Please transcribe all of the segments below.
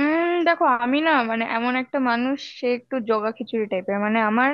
দেখো আমি না মানে এমন একটা মানুষ সে একটু জগা খিচুড়ি টাইপের, মানে আমার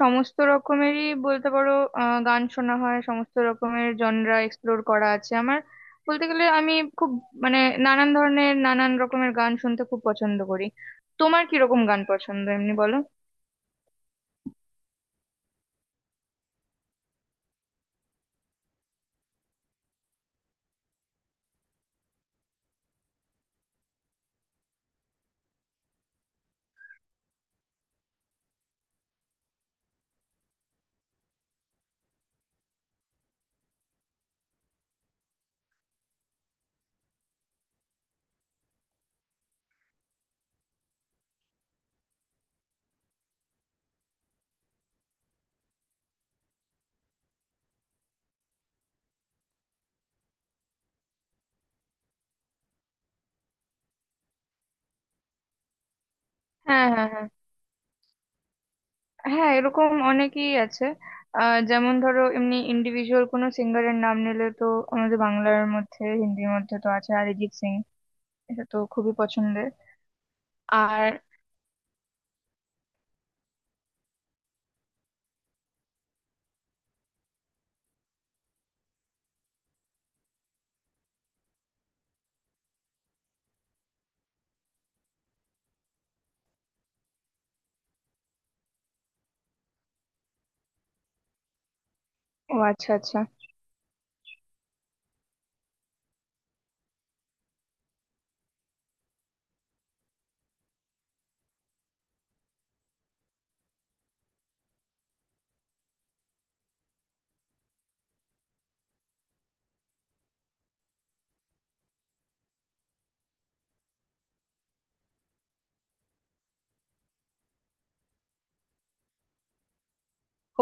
সমস্ত রকমেরই বলতে পারো। গান শোনা হয়, সমস্ত রকমের জনরা এক্সপ্লোর করা আছে আমার। বলতে গেলে আমি খুব মানে নানান ধরনের নানান রকমের গান শুনতে খুব পছন্দ করি। তোমার কি রকম গান পছন্দ এমনি বলো। হ্যাঁ, হ্যাঁ এরকম অনেকেই আছে। যেমন ধরো এমনি ইন্ডিভিজুয়াল কোনো সিঙ্গারের নাম নিলে তো আমাদের বাংলার মধ্যে হিন্দির মধ্যে তো আছে অরিজিৎ সিং, এটা তো খুবই পছন্দের। আর ও আচ্ছা আচ্ছা।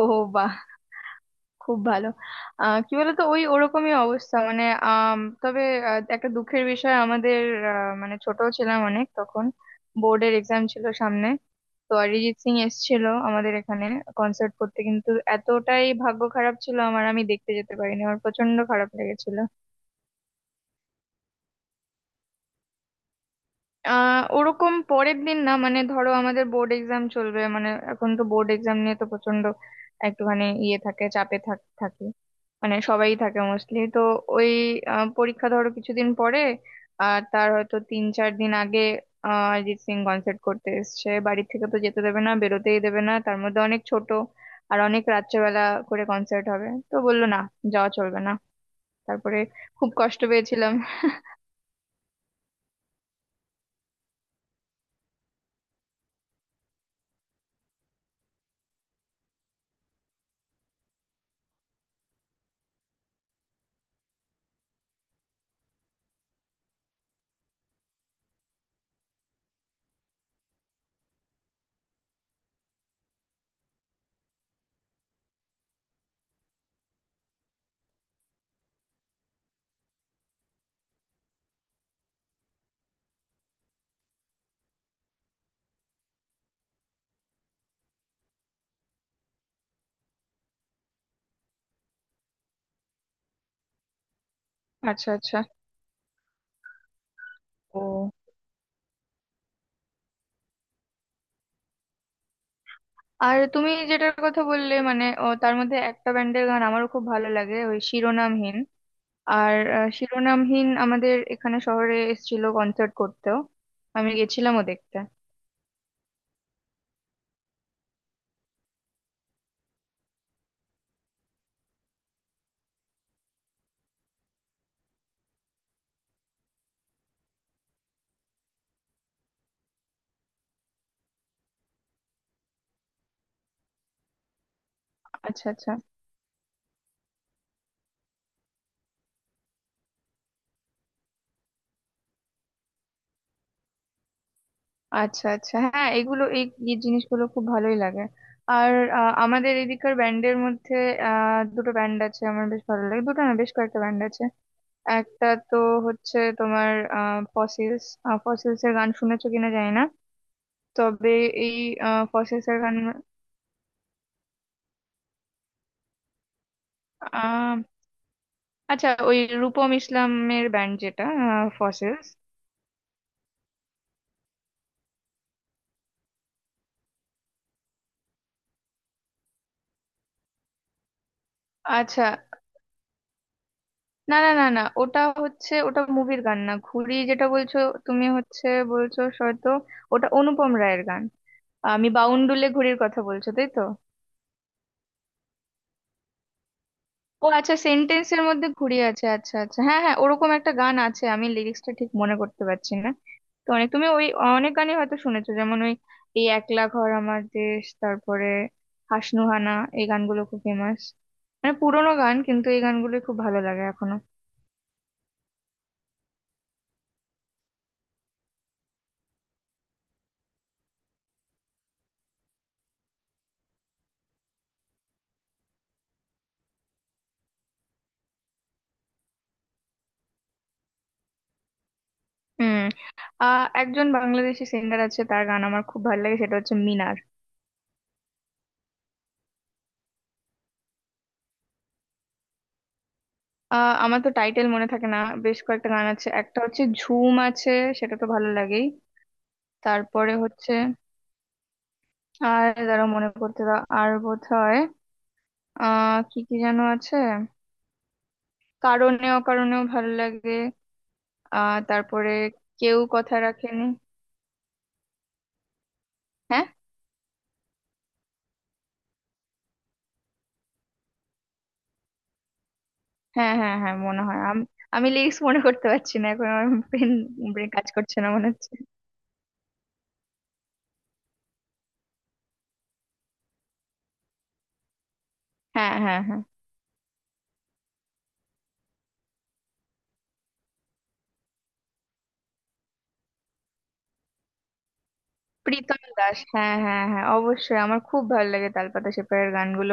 ও বাহ, খুব ভালো। কি বলতো, ওই ওরকমই অবস্থা মানে তবে একটা দুঃখের বিষয় আমাদের, মানে ছোট ছিলাম অনেক তখন। বোর্ডের এক্সাম ছিল সামনে, তো অরিজিৎ সিং এসেছিল আমাদের এখানে কনসার্ট করতে, কিন্তু এতটাই ভাগ্য খারাপ ছিল আমার, আমি দেখতে যেতে পারিনি, আমার প্রচন্ড খারাপ লেগেছিল। ওরকম পরের দিন না, মানে ধরো আমাদের বোর্ড এক্সাম চলবে, মানে এখন তো বোর্ড এক্সাম নিয়ে তো প্রচন্ড একটুখানি ইয়ে থাকে, চাপে থাকে মানে সবাই থাকে মোস্টলি তো। ওই পরীক্ষা ধরো কিছুদিন পরে, আর তার হয়তো তিন চার দিন আগে অরিজিৎ সিং কনসার্ট করতে এসছে, বাড়ি থেকে তো যেতে দেবে না, বেরোতেই দেবে না, তার মধ্যে অনেক ছোট, আর অনেক রাত্রেবেলা করে কনসার্ট হবে, তো বললো না, যাওয়া চলবে না। তারপরে খুব কষ্ট পেয়েছিলাম। আচ্ছা আচ্ছা। ও, আর তুমি যেটার কথা বললে মানে ও, তার মধ্যে একটা ব্যান্ডের গান আমারও খুব ভালো লাগে, ওই শিরোনামহীন। আর শিরোনামহীন আমাদের এখানে শহরে এসেছিল কনসার্ট করতেও, আমি গেছিলামও দেখতে। আচ্ছা আচ্ছা আচ্ছা। আচ্ছা হ্যাঁ, এগুলো এই এই জিনিসগুলো খুব ভালোই লাগে। আর আমাদের এদিকার ব্যান্ডের মধ্যে দুটো ব্যান্ড আছে আমার বেশ ভালো লাগে, দুটো না বেশ কয়েকটা ব্যান্ড আছে। একটা তো হচ্ছে তোমার ফসিলস। ফসিলস এর গান শুনেছো কিনা জানি না, তবে এই ফসিলস এর গান আহ আচ্ছা ওই রূপম ইসলামের ব্যান্ড যেটা ফসেলস। আচ্ছা, না না না না, ওটা হচ্ছে, ওটা মুভির গান না। ঘুড়ি যেটা বলছো তুমি হচ্ছে, বলছো হয়তো, ওটা অনুপম রায়ের গান। আমি বাউন্ডুলে ঘুড়ির কথা বলছো তাই তো? ও আচ্ছা, সেন্টেন্সের মধ্যে ঘুরিয়ে আছে। আচ্ছা আচ্ছা, হ্যাঁ হ্যাঁ ওরকম একটা গান আছে, আমি লিরিক্সটা ঠিক মনে করতে পারছি না। তো অনেক তুমি ওই অনেক গানই হয়তো শুনেছো, যেমন ওই এই একলা ঘর, আমার দেশ, তারপরে হাসনুহানা, এই গানগুলো খুব ফেমাস, মানে পুরোনো গান কিন্তু এই গানগুলো খুব ভালো লাগে এখনো। হুম, একজন বাংলাদেশি সিঙ্গার আছে তার গান আমার খুব ভালো লাগে, সেটা হচ্ছে মিনার। আমার তো টাইটেল মনে থাকে না, বেশ কয়েকটা গান আছে, একটা হচ্ছে ঝুম আছে, সেটা তো ভালো লাগেই। তারপরে হচ্ছে, আর দাঁড়া মনে করতে দাও, আর বোধহয় কি কি যেন আছে, কারণে অকারণেও ভালো লাগে। তারপরে কেউ কথা রাখেনি। হ্যাঁ হ্যাঁ, হ্যাঁ মনে হয়। আমি, আমি লিরিক্স মনে করতে পারছি না এখন, আমার ব্রেন কাজ করছে না মনে হচ্ছে। হ্যাঁ হ্যাঁ হ্যাঁ প্রীতম দাস, হ্যাঁ হ্যাঁ হ্যাঁ অবশ্যই আমার খুব ভালো লাগে তালপাতা সেপাইয়ের গানগুলো,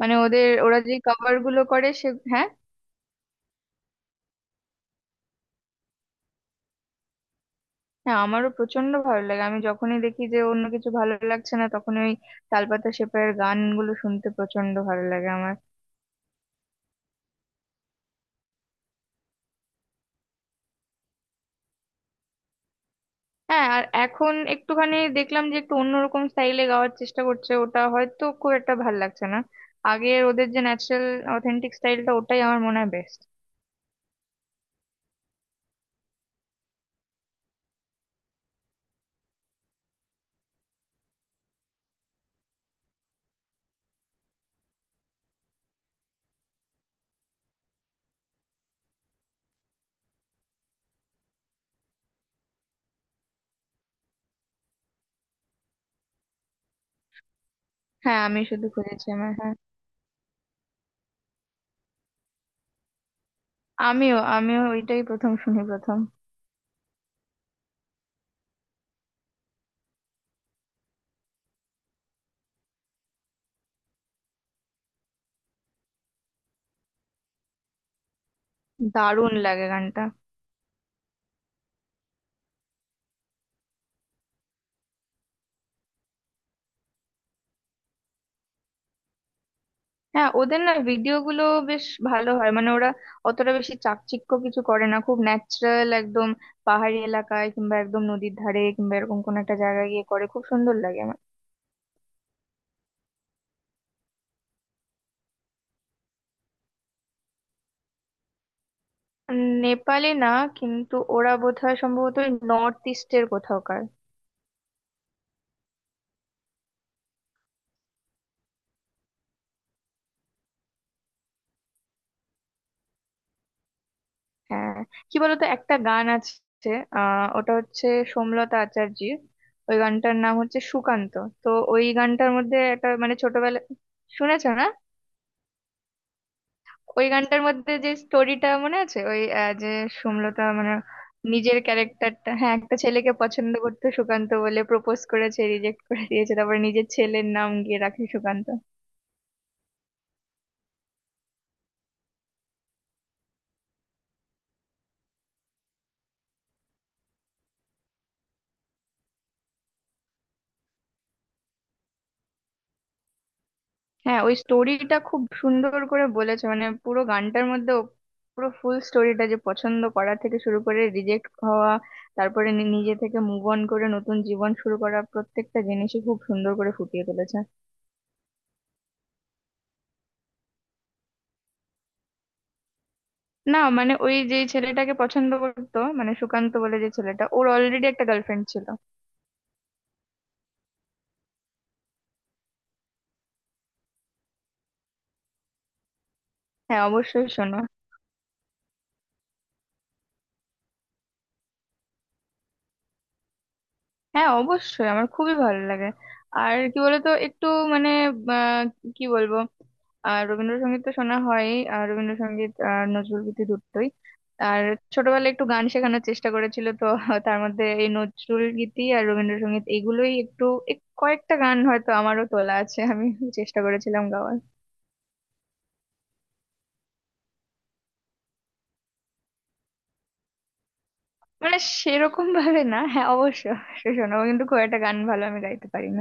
মানে ওদের, ওরা যে কভার গুলো করে সে, হ্যাঁ। হ্যাঁ আমারও প্রচন্ড ভালো লাগে, আমি যখনই দেখি যে অন্য কিছু ভালো লাগছে না তখন ওই তালপাতা সেপাইয়ের গানগুলো শুনতে প্রচন্ড ভালো লাগে আমার। হ্যাঁ আর এখন একটুখানি দেখলাম যে একটু অন্যরকম স্টাইলে গাওয়ার চেষ্টা করছে, ওটা হয়তো খুব একটা ভালো লাগছে না। আগের ওদের যে ন্যাচারাল অথেন্টিক স্টাইলটা, ওটাই আমার মনে হয় বেস্ট। হ্যাঁ আমি শুধু খুঁজেছি আমার, হ্যাঁ। আমিও আমিও ওইটাই প্রথম শুনি, প্রথম। দারুণ লাগে গানটা। হ্যাঁ ওদের না ভিডিও গুলো বেশ ভালো হয়, মানে ওরা অতটা বেশি চাকচিক্য কিছু করে না, খুব ন্যাচারাল একদম, পাহাড়ি এলাকায় কিংবা একদম নদীর ধারে কিংবা এরকম কোন একটা জায়গায় গিয়ে করে, খুব সুন্দর লাগে আমার। নেপালে না, কিন্তু ওরা বোধহয় সম্ভবত নর্থ ইস্টের কোথাওকার। হ্যাঁ, কি বলতো একটা গান আছে, ওটা হচ্ছে সোমলতা আচার্যির, ওই গানটার নাম হচ্ছে সুকান্ত। তো ওই গানটার মধ্যে একটা মানে ছোটবেলা শুনেছো না? ওই গানটার মধ্যে যে স্টোরিটা মনে আছে ওই যে সুমলতা মানে নিজের ক্যারেক্টারটা হ্যাঁ, একটা ছেলেকে পছন্দ করতো, সুকান্ত বলে, প্রপোজ করেছে, রিজেক্ট করে দিয়েছে, তারপরে নিজের ছেলের নাম গিয়ে রাখে সুকান্ত। হ্যাঁ ওই স্টোরিটা খুব সুন্দর করে বলেছে মানে পুরো গানটার মধ্যে ও পুরো ফুল স্টোরিটা, যে পছন্দ করা থেকে শুরু করে রিজেক্ট হওয়া, তারপরে নিজে থেকে মুভ অন করে নতুন জীবন শুরু করা, প্রত্যেকটা জিনিসই খুব সুন্দর করে ফুটিয়ে তুলেছে। না মানে ওই যেই ছেলেটাকে পছন্দ করতো, মানে সুকান্ত বলে যে ছেলেটা, ওর অলরেডি একটা গার্লফ্রেন্ড ছিল। হ্যাঁ অবশ্যই শোনো। হ্যাঁ অবশ্যই আমার খুবই ভালো লাগে। আর কি বলতো একটু মানে আহ, কি বলবো, আর রবীন্দ্রসঙ্গীত তো শোনা হয়, আর রবীন্দ্রসঙ্গীত আর নজরুল গীতি দুটোই। আর ছোটবেলায় একটু গান শেখানোর চেষ্টা করেছিল তো, তার মধ্যে এই নজরুল গীতি আর রবীন্দ্রসঙ্গীত এগুলোই একটু কয়েকটা গান হয়তো আমারও তোলা আছে, আমি চেষ্টা করেছিলাম গাওয়ার। মানে সেরকম ভাবে না, হ্যাঁ অবশ্য শোনাবো, কিন্তু খুব একটা গান ভালো আমি গাইতে পারি না।